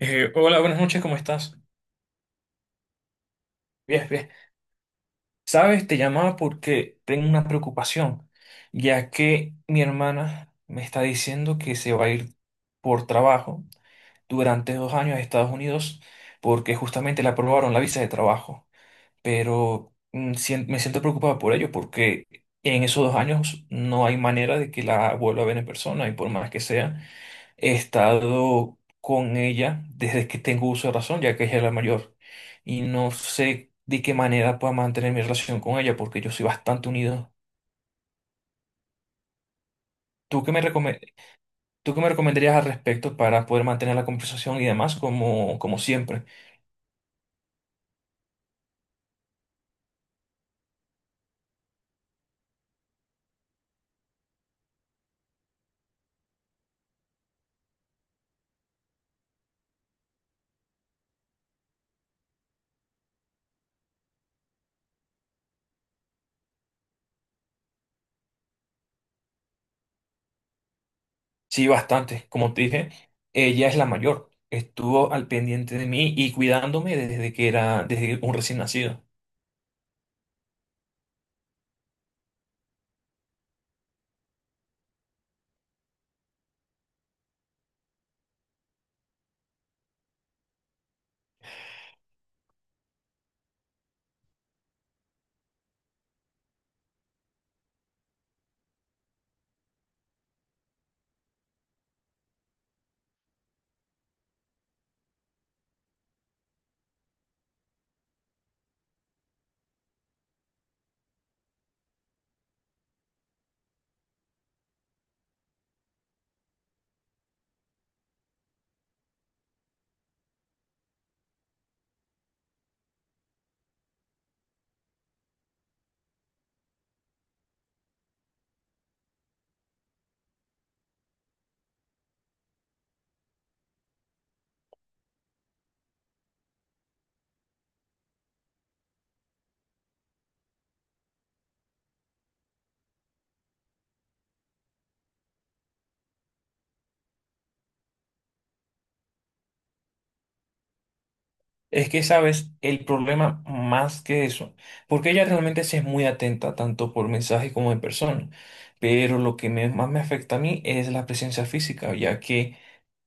Hola, buenas noches, ¿cómo estás? Bien, bien. Sabes, te llamaba porque tengo una preocupación, ya que mi hermana me está diciendo que se va a ir por trabajo durante 2 años a Estados Unidos porque justamente le aprobaron la visa de trabajo. Pero me siento preocupado por ello porque en esos 2 años no hay manera de que la vuelva a ver en persona y por más que sea. He estado con ella desde que tengo uso de razón, ya que ella es la mayor. Y no sé de qué manera pueda mantener mi relación con ella, porque yo soy bastante unido. ¿Tú qué me recome- ¿Tú qué me recomendarías al respecto para poder mantener la conversación y demás como siempre? Sí, bastante. Como te dije, ella es la mayor. Estuvo al pendiente de mí y cuidándome desde un recién nacido. Es que, sabes, el problema más que eso, porque ella realmente sí es muy atenta, tanto por mensaje como en persona, pero lo que más me afecta a mí es la presencia física, ya que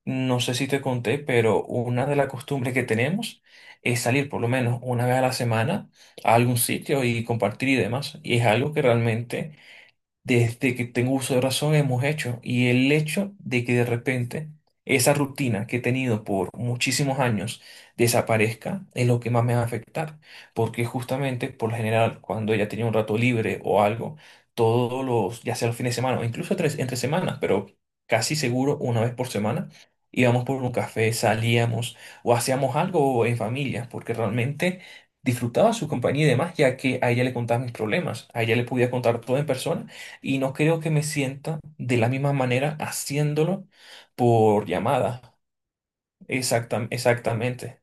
no sé si te conté, pero una de las costumbres que tenemos es salir por lo menos una vez a la semana a algún sitio y compartir y demás, y es algo que realmente desde que tengo uso de razón hemos hecho. Y el hecho de que de repente esa rutina que he tenido por muchísimos años desaparezca es lo que más me va a afectar. Porque justamente por lo general, cuando ella tenía un rato libre o algo, todos los, ya sea los fines de semana o incluso tres, entre semanas, pero casi seguro una vez por semana. Íbamos por un café, salíamos o hacíamos algo en familia, porque realmente disfrutaba su compañía y demás, ya que a ella le contaba mis problemas, a ella le podía contar todo en persona y no creo que me sienta de la misma manera haciéndolo por llamada. Exactamente.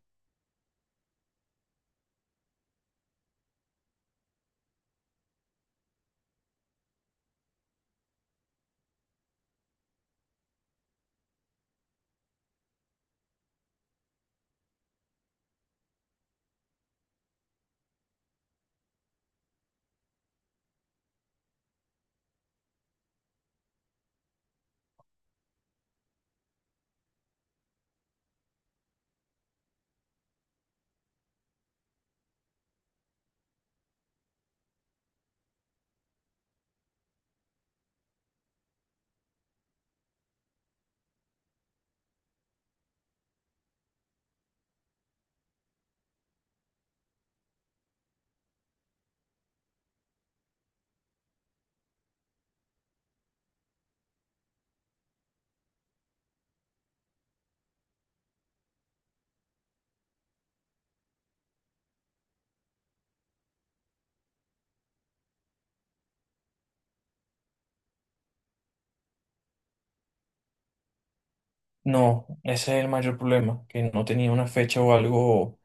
No, ese es el mayor problema, que no tenía una fecha o algo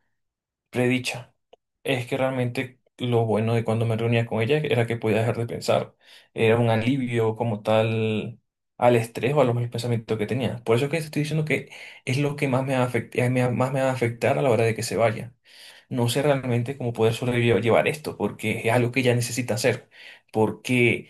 predicha. Es que realmente lo bueno de cuando me reunía con ella era que podía dejar de pensar. Era un alivio como tal al estrés o a los malos pensamientos que tenía. Por eso es que te estoy diciendo que es lo que más me va a más me va a afectar a la hora de que se vaya. No sé realmente cómo poder sobrellevar esto, porque es algo que ya necesita hacer, porque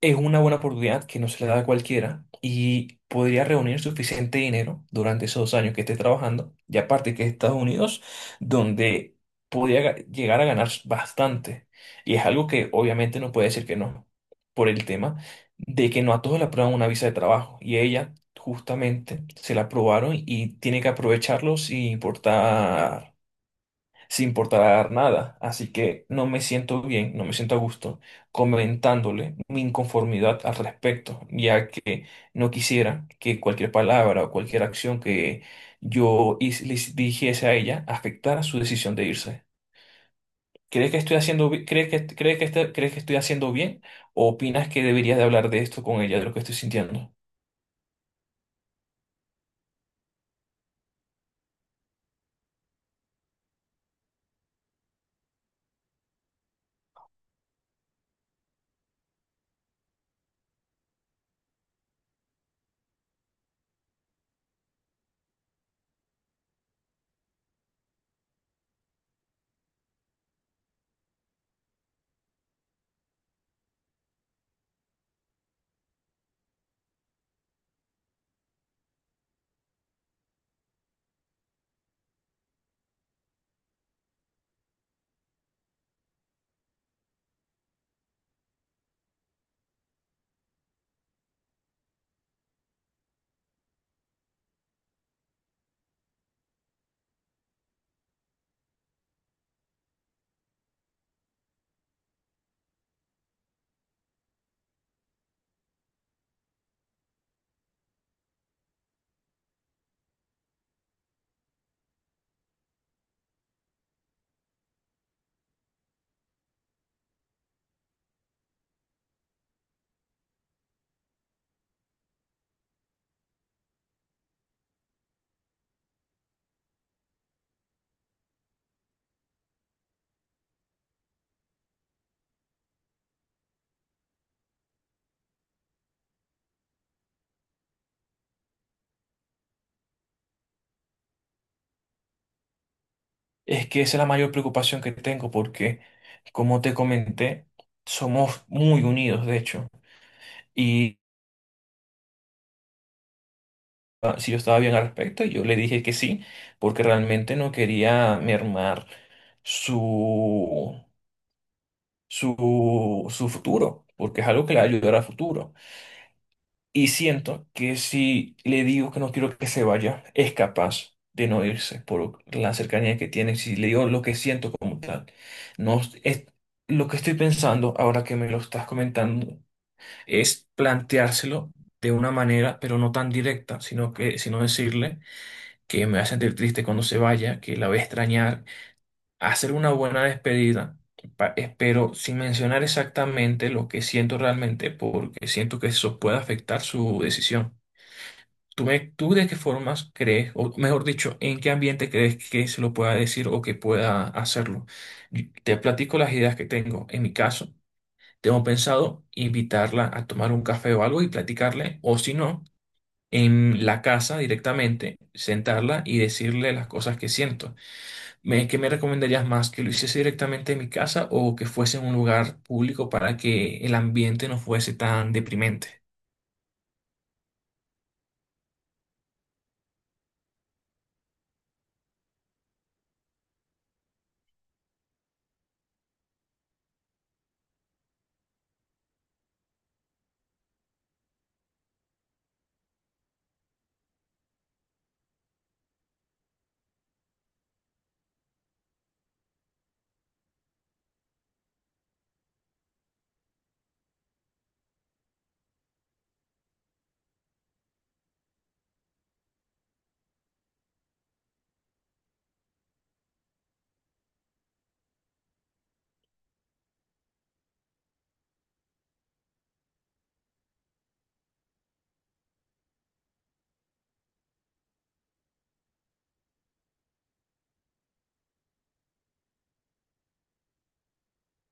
es una buena oportunidad que no se le da a cualquiera y podría reunir suficiente dinero durante esos 2 años que esté trabajando, y aparte que es Estados Unidos, donde podría llegar a ganar bastante. Y es algo que obviamente no puede decir que no, por el tema de que no a todos le aprueban una visa de trabajo, y ella justamente se la aprobaron y tiene que aprovecharlo sin importar nada. Así que no me siento bien, no me siento a gusto comentándole mi inconformidad al respecto, ya que no quisiera que cualquier palabra o cualquier acción que yo le dijese a ella afectara su decisión de irse. ¿Crees que estoy haciendo, bi- ¿Crees que crees que estoy haciendo bien o opinas que deberías de hablar de esto con ella, de lo que estoy sintiendo? Es que esa es la mayor preocupación que tengo porque, como te comenté, somos muy unidos, de hecho. Si yo estaba bien al respecto y yo le dije que sí, porque realmente no quería mermar su, su futuro, porque es algo que le va a ayudar a futuro. Y siento que si le digo que no quiero que se vaya, es capaz de no irse por la cercanía que tiene, si le digo lo que siento como tal. No, lo que estoy pensando ahora que me lo estás comentando es planteárselo de una manera, pero no tan directa, sino decirle que me va a sentir triste cuando se vaya, que la voy a extrañar, hacer una buena despedida, espero sin mencionar exactamente lo que siento realmente, porque siento que eso puede afectar su decisión. ¿Tú de qué formas crees, o mejor dicho, en qué ambiente crees que se lo pueda decir o que pueda hacerlo? Y te platico las ideas que tengo. En mi caso, tengo pensado invitarla a tomar un café o algo y platicarle, o si no, en la casa directamente, sentarla y decirle las cosas que siento. ¿Qué me recomendarías más? ¿Que lo hiciese directamente en mi casa o que fuese en un lugar público para que el ambiente no fuese tan deprimente?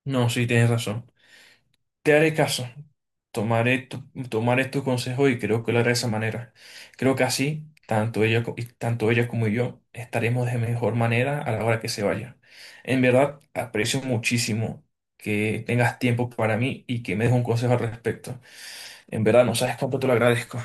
No, sí, tienes razón. Te haré caso. Tomaré tu, tomaré tu consejo y creo que lo haré de esa manera. Creo que así, tanto ella como yo estaremos de mejor manera a la hora que se vaya. En verdad, aprecio muchísimo que tengas tiempo para mí y que me des un consejo al respecto. En verdad, no sabes cuánto te lo agradezco.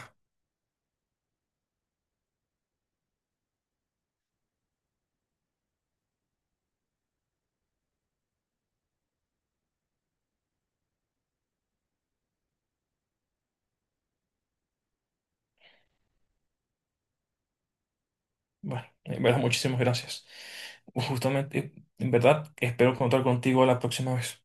Bueno, en verdad, muchísimas gracias. Justamente, en verdad, espero contar contigo la próxima vez.